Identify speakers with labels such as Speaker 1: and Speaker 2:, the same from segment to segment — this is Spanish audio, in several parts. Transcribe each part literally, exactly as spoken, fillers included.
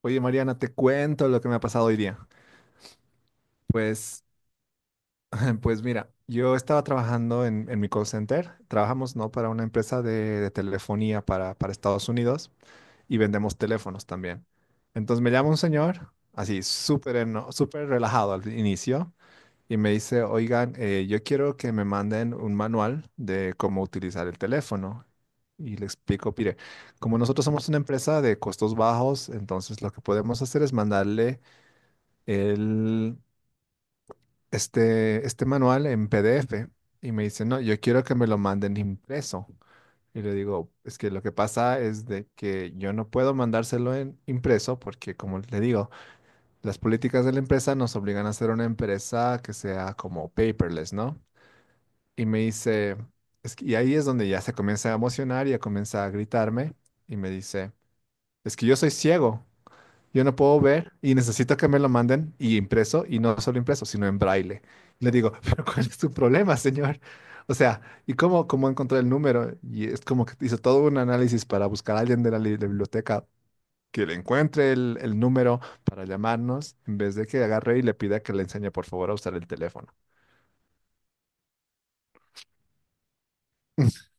Speaker 1: Oye, Mariana, te cuento lo que me ha pasado hoy día. Pues, pues mira, yo estaba trabajando en, en, mi call center. Trabajamos, ¿no? Para una empresa de, de, telefonía para, para Estados Unidos y vendemos teléfonos también. Entonces me llama un señor, así súper eno- súper relajado al inicio, y me dice, oigan, eh, yo quiero que me manden un manual de cómo utilizar el teléfono. Y le explico, mire, como nosotros somos una empresa de costos bajos, entonces lo que podemos hacer es mandarle el, este, este manual en P D F, y me dice, no, yo quiero que me lo manden impreso. Y le digo, es que lo que pasa es de que yo no puedo mandárselo en impreso porque, como le digo, las políticas de la empresa nos obligan a ser una empresa que sea como paperless, ¿no? Y me dice, es que, y ahí es donde ya se comienza a emocionar y ya comienza a gritarme y me dice, es que yo soy ciego. Yo no puedo ver y necesito que me lo manden y impreso, y no solo impreso, sino en braille. Y le digo, pero ¿cuál es tu problema, señor? O sea, ¿y cómo, cómo encontré el número? Y es como que hizo todo un análisis para buscar a alguien de la li- de biblioteca que le encuentre el, el número para llamarnos, en vez de que agarre y le pida que le enseñe, por favor, a usar el teléfono.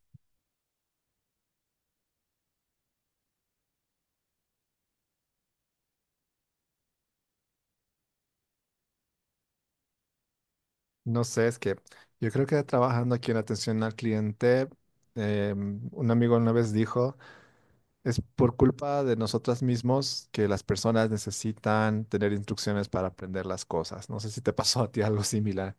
Speaker 1: No sé, es que yo creo que trabajando aquí en atención al cliente, em, un amigo una vez dijo, es por culpa de nosotras mismos que las personas necesitan tener instrucciones para aprender las cosas. No sé si te pasó a ti algo similar.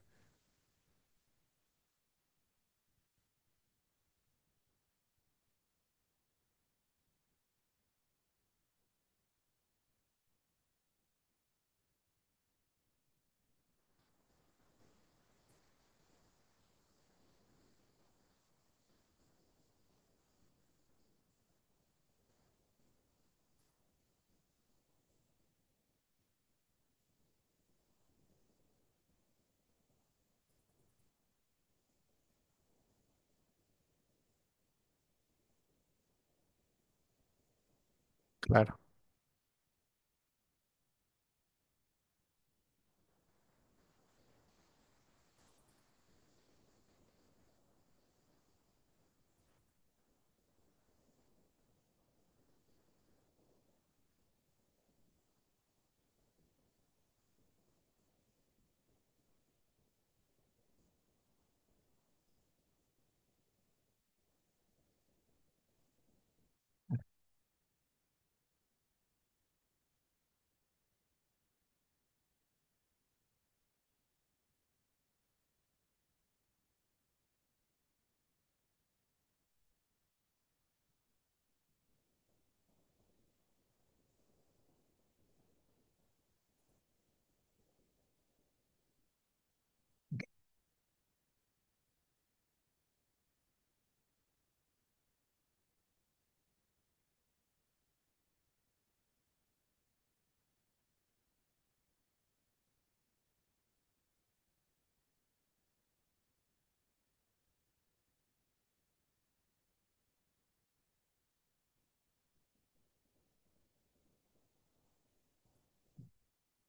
Speaker 1: Claro.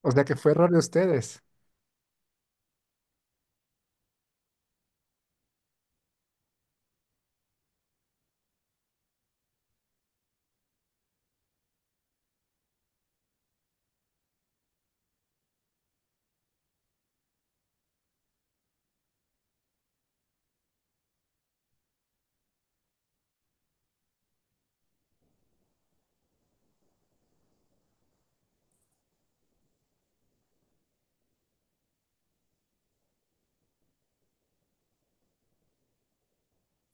Speaker 1: O sea que fue error de ustedes.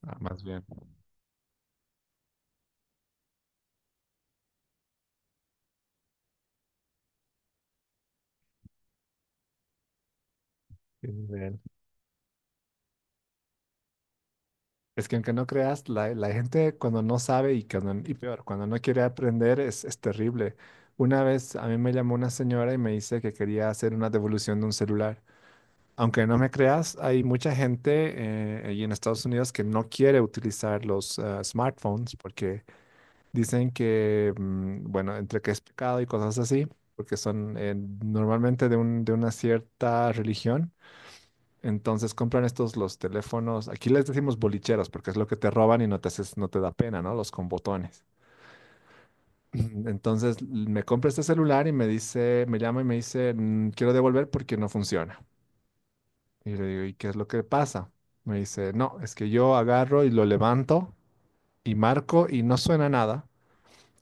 Speaker 1: Ah, más bien. Qué nivel. Es que aunque no creas, la, la gente cuando no sabe y, cuando, y peor, cuando no quiere aprender es, es, terrible. Una vez a mí me llamó una señora y me dice que quería hacer una devolución de un celular. Aunque no me creas, hay mucha gente eh, ahí en Estados Unidos que no quiere utilizar los eh, smartphones porque dicen que, mm, bueno, entre que es pecado y cosas así, porque son eh, normalmente de un- de una cierta religión. Entonces compran estos los teléfonos, aquí les decimos bolicheros, porque es lo que te roban y no te haces, no te da pena, ¿no? Los con botones. Entonces l- me compra este celular y me dice, me llama y me dice, "Mm, quiero devolver porque no funciona". Y le digo, ¿y qué es lo que pasa? Me dice, no, es que yo agarro y lo levanto y marco y no suena nada.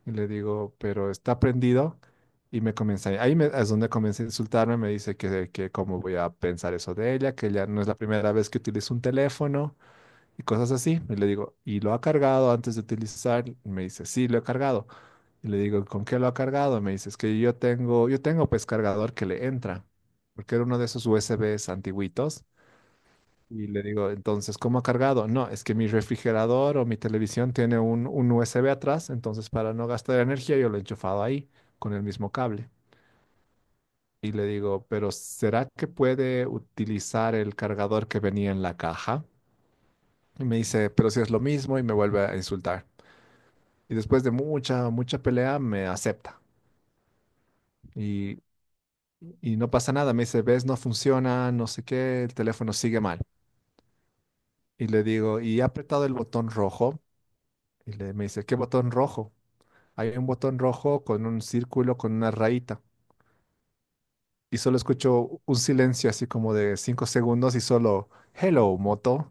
Speaker 1: Y le digo, pero está prendido. Y me comienza, ahí me- es donde comienza a insultarme, me dice que, que, cómo voy a pensar eso de ella, que ella no es la primera vez que utiliza un teléfono y cosas así. Y le digo, ¿y lo ha cargado antes de utilizar? Y me dice, sí, lo he cargado. Y le digo, ¿con qué lo ha cargado? Me dice, es que yo tengo, yo tengo pues cargador que le entra, porque era uno de esos U S Bs antiguitos. Y le digo, entonces, ¿cómo ha cargado? No, es que mi refrigerador o mi televisión tiene un, un, U S B atrás, entonces para no gastar energía yo lo he enchufado ahí con el mismo cable. Y le digo, pero ¿será que puede utilizar el cargador que venía en la caja? Y me dice, pero si es lo mismo, y me vuelve a insultar. Y después de mucha, mucha pelea me acepta. Y, y no pasa nada, me dice, ves, no funciona, no sé qué, el teléfono sigue mal. Y le digo, ¿y he apretado el botón rojo? Y le, me dice, ¿qué botón rojo? Hay un botón rojo con un círculo con una rayita. Y solo escucho un silencio así como de cinco segundos y solo, hello, moto.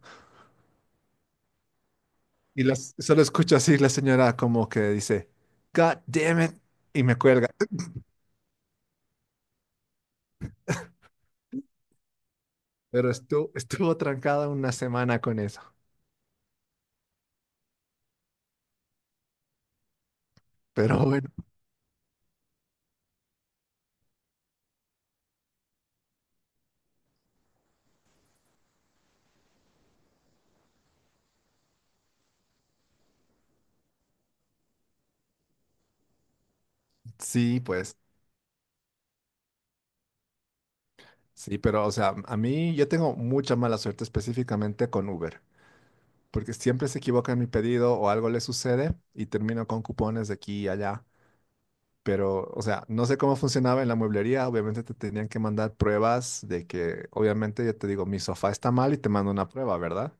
Speaker 1: Y las, solo escucho así la señora como que dice, God damn it. Y me cuelga. Pero estuvo, estuvo trancada una semana con eso. Pero bueno, sí, pues, sí, pero o sea, a mí yo tengo mucha mala suerte específicamente con Uber. Porque siempre se equivoca en mi pedido o algo le sucede y termino con cupones de aquí y allá. Pero, o sea, no sé cómo funcionaba en la mueblería. Obviamente te tenían que mandar pruebas de que, obviamente, yo te digo, mi sofá está mal y te mando una prueba, ¿verdad?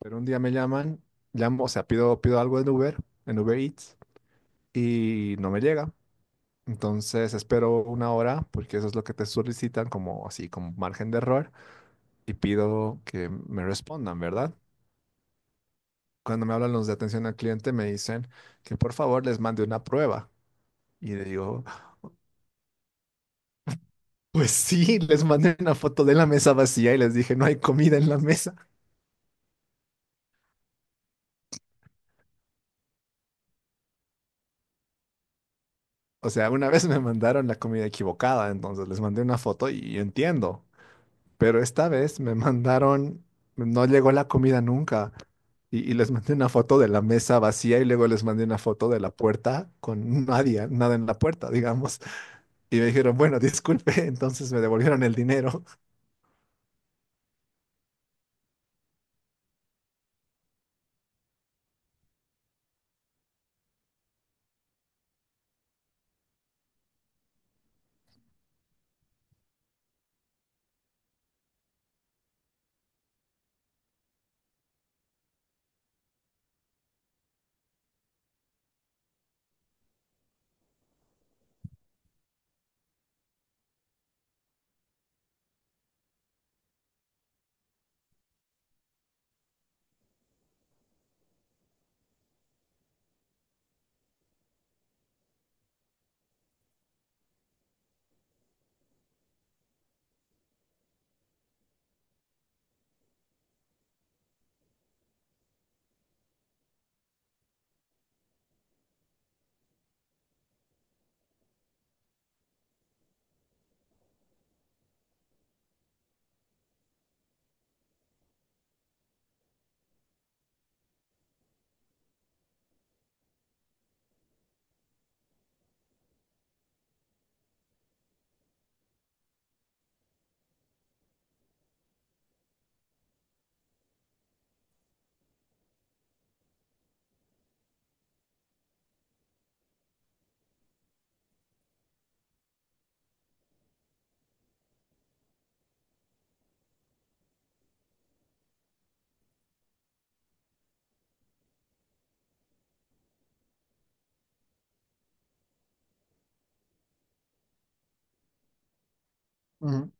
Speaker 1: Pero un día me llaman, llamo, o sea, pido, pido algo en Uber, en Uber Eats, y no me llega. Entonces espero una hora, porque eso es lo que te solicitan como así, como margen de error, y pido que me respondan, ¿verdad? Cuando me hablan los de atención al cliente, me dicen que por favor les mande una prueba. Y le digo, pues sí, les mandé una foto de la mesa vacía y les dije, no hay comida en la mesa. O sea, una vez me mandaron la comida equivocada, entonces les mandé una foto y yo entiendo. Pero esta vez me mandaron, no llegó la comida nunca. Y, y les mandé una foto de la mesa vacía y luego les mandé una foto de la puerta con nadie, nada en la puerta, digamos. Y me dijeron, bueno, disculpe, entonces me devolvieron el dinero. Ujú.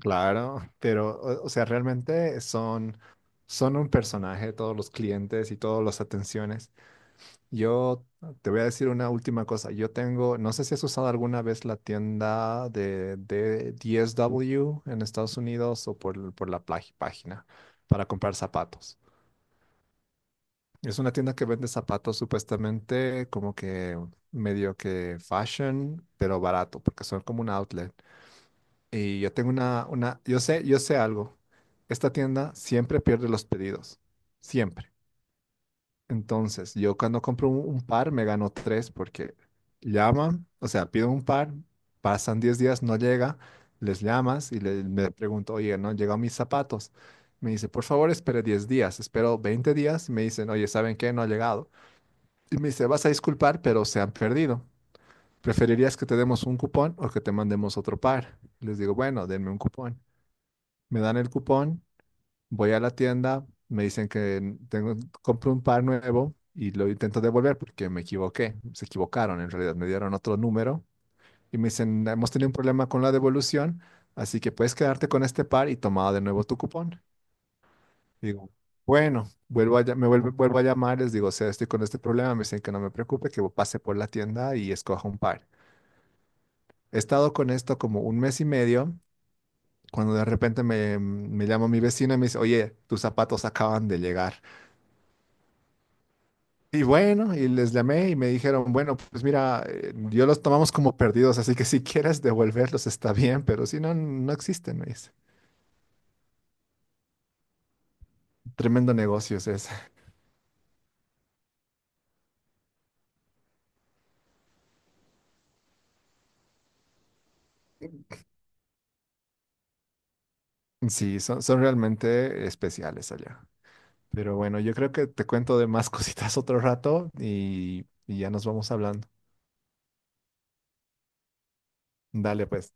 Speaker 1: Claro, pero o, o sea, realmente son, son un personaje todos los clientes y todas las atenciones. Yo te voy a decir una última cosa. Yo tengo, no sé si has usado alguna vez la tienda de, de D S W en Estados Unidos o por, por la plagi- página para comprar zapatos. Es una tienda que vende zapatos supuestamente como que medio que fashion, pero barato, porque son como un outlet. Y yo tengo una, una, yo sé, yo sé algo. Esta tienda siempre pierde los pedidos. Siempre. Entonces, yo cuando compro un, un par, me gano tres porque llaman, o sea, pido un par, pasan diez días, no llega, les llamas y le, me pregunto, oye, ¿no han llegado mis zapatos? Me dice, por favor, espere diez días. Espero veinte días y me dicen, oye, ¿saben qué? No ha llegado. Y me dice, vas a disculpar, pero se han perdido. ¿Preferirías que te demos un cupón o que te mandemos otro par? Les digo, bueno, denme un cupón. Me dan el cupón, voy a la tienda, me dicen que tengo, compro un par nuevo y lo intento devolver porque me equivoqué, se equivocaron en realidad, me dieron otro número y me dicen, hemos tenido un problema con la devolución, así que puedes quedarte con este par y tomar de nuevo tu cupón. Digo, bueno, vuelvo a, lla- me vuelvo, vuelvo a llamar, les digo, o sea, estoy con este problema, me dicen que no me preocupe, que pase por la tienda y escoja un par. He estado con esto como un mes y medio. Cuando de repente me, me llama mi vecina y me dice, oye, tus zapatos acaban de llegar. Y bueno, y les llamé y me dijeron, bueno, pues mira, eh, yo los tomamos como perdidos, así que si quieres devolverlos está bien, pero si no, no existen, me dice. Tremendo negocio es ese. Sí, son, son realmente especiales allá. Pero bueno, yo creo que te cuento de más cositas otro rato y, y, ya nos vamos hablando. Dale, pues.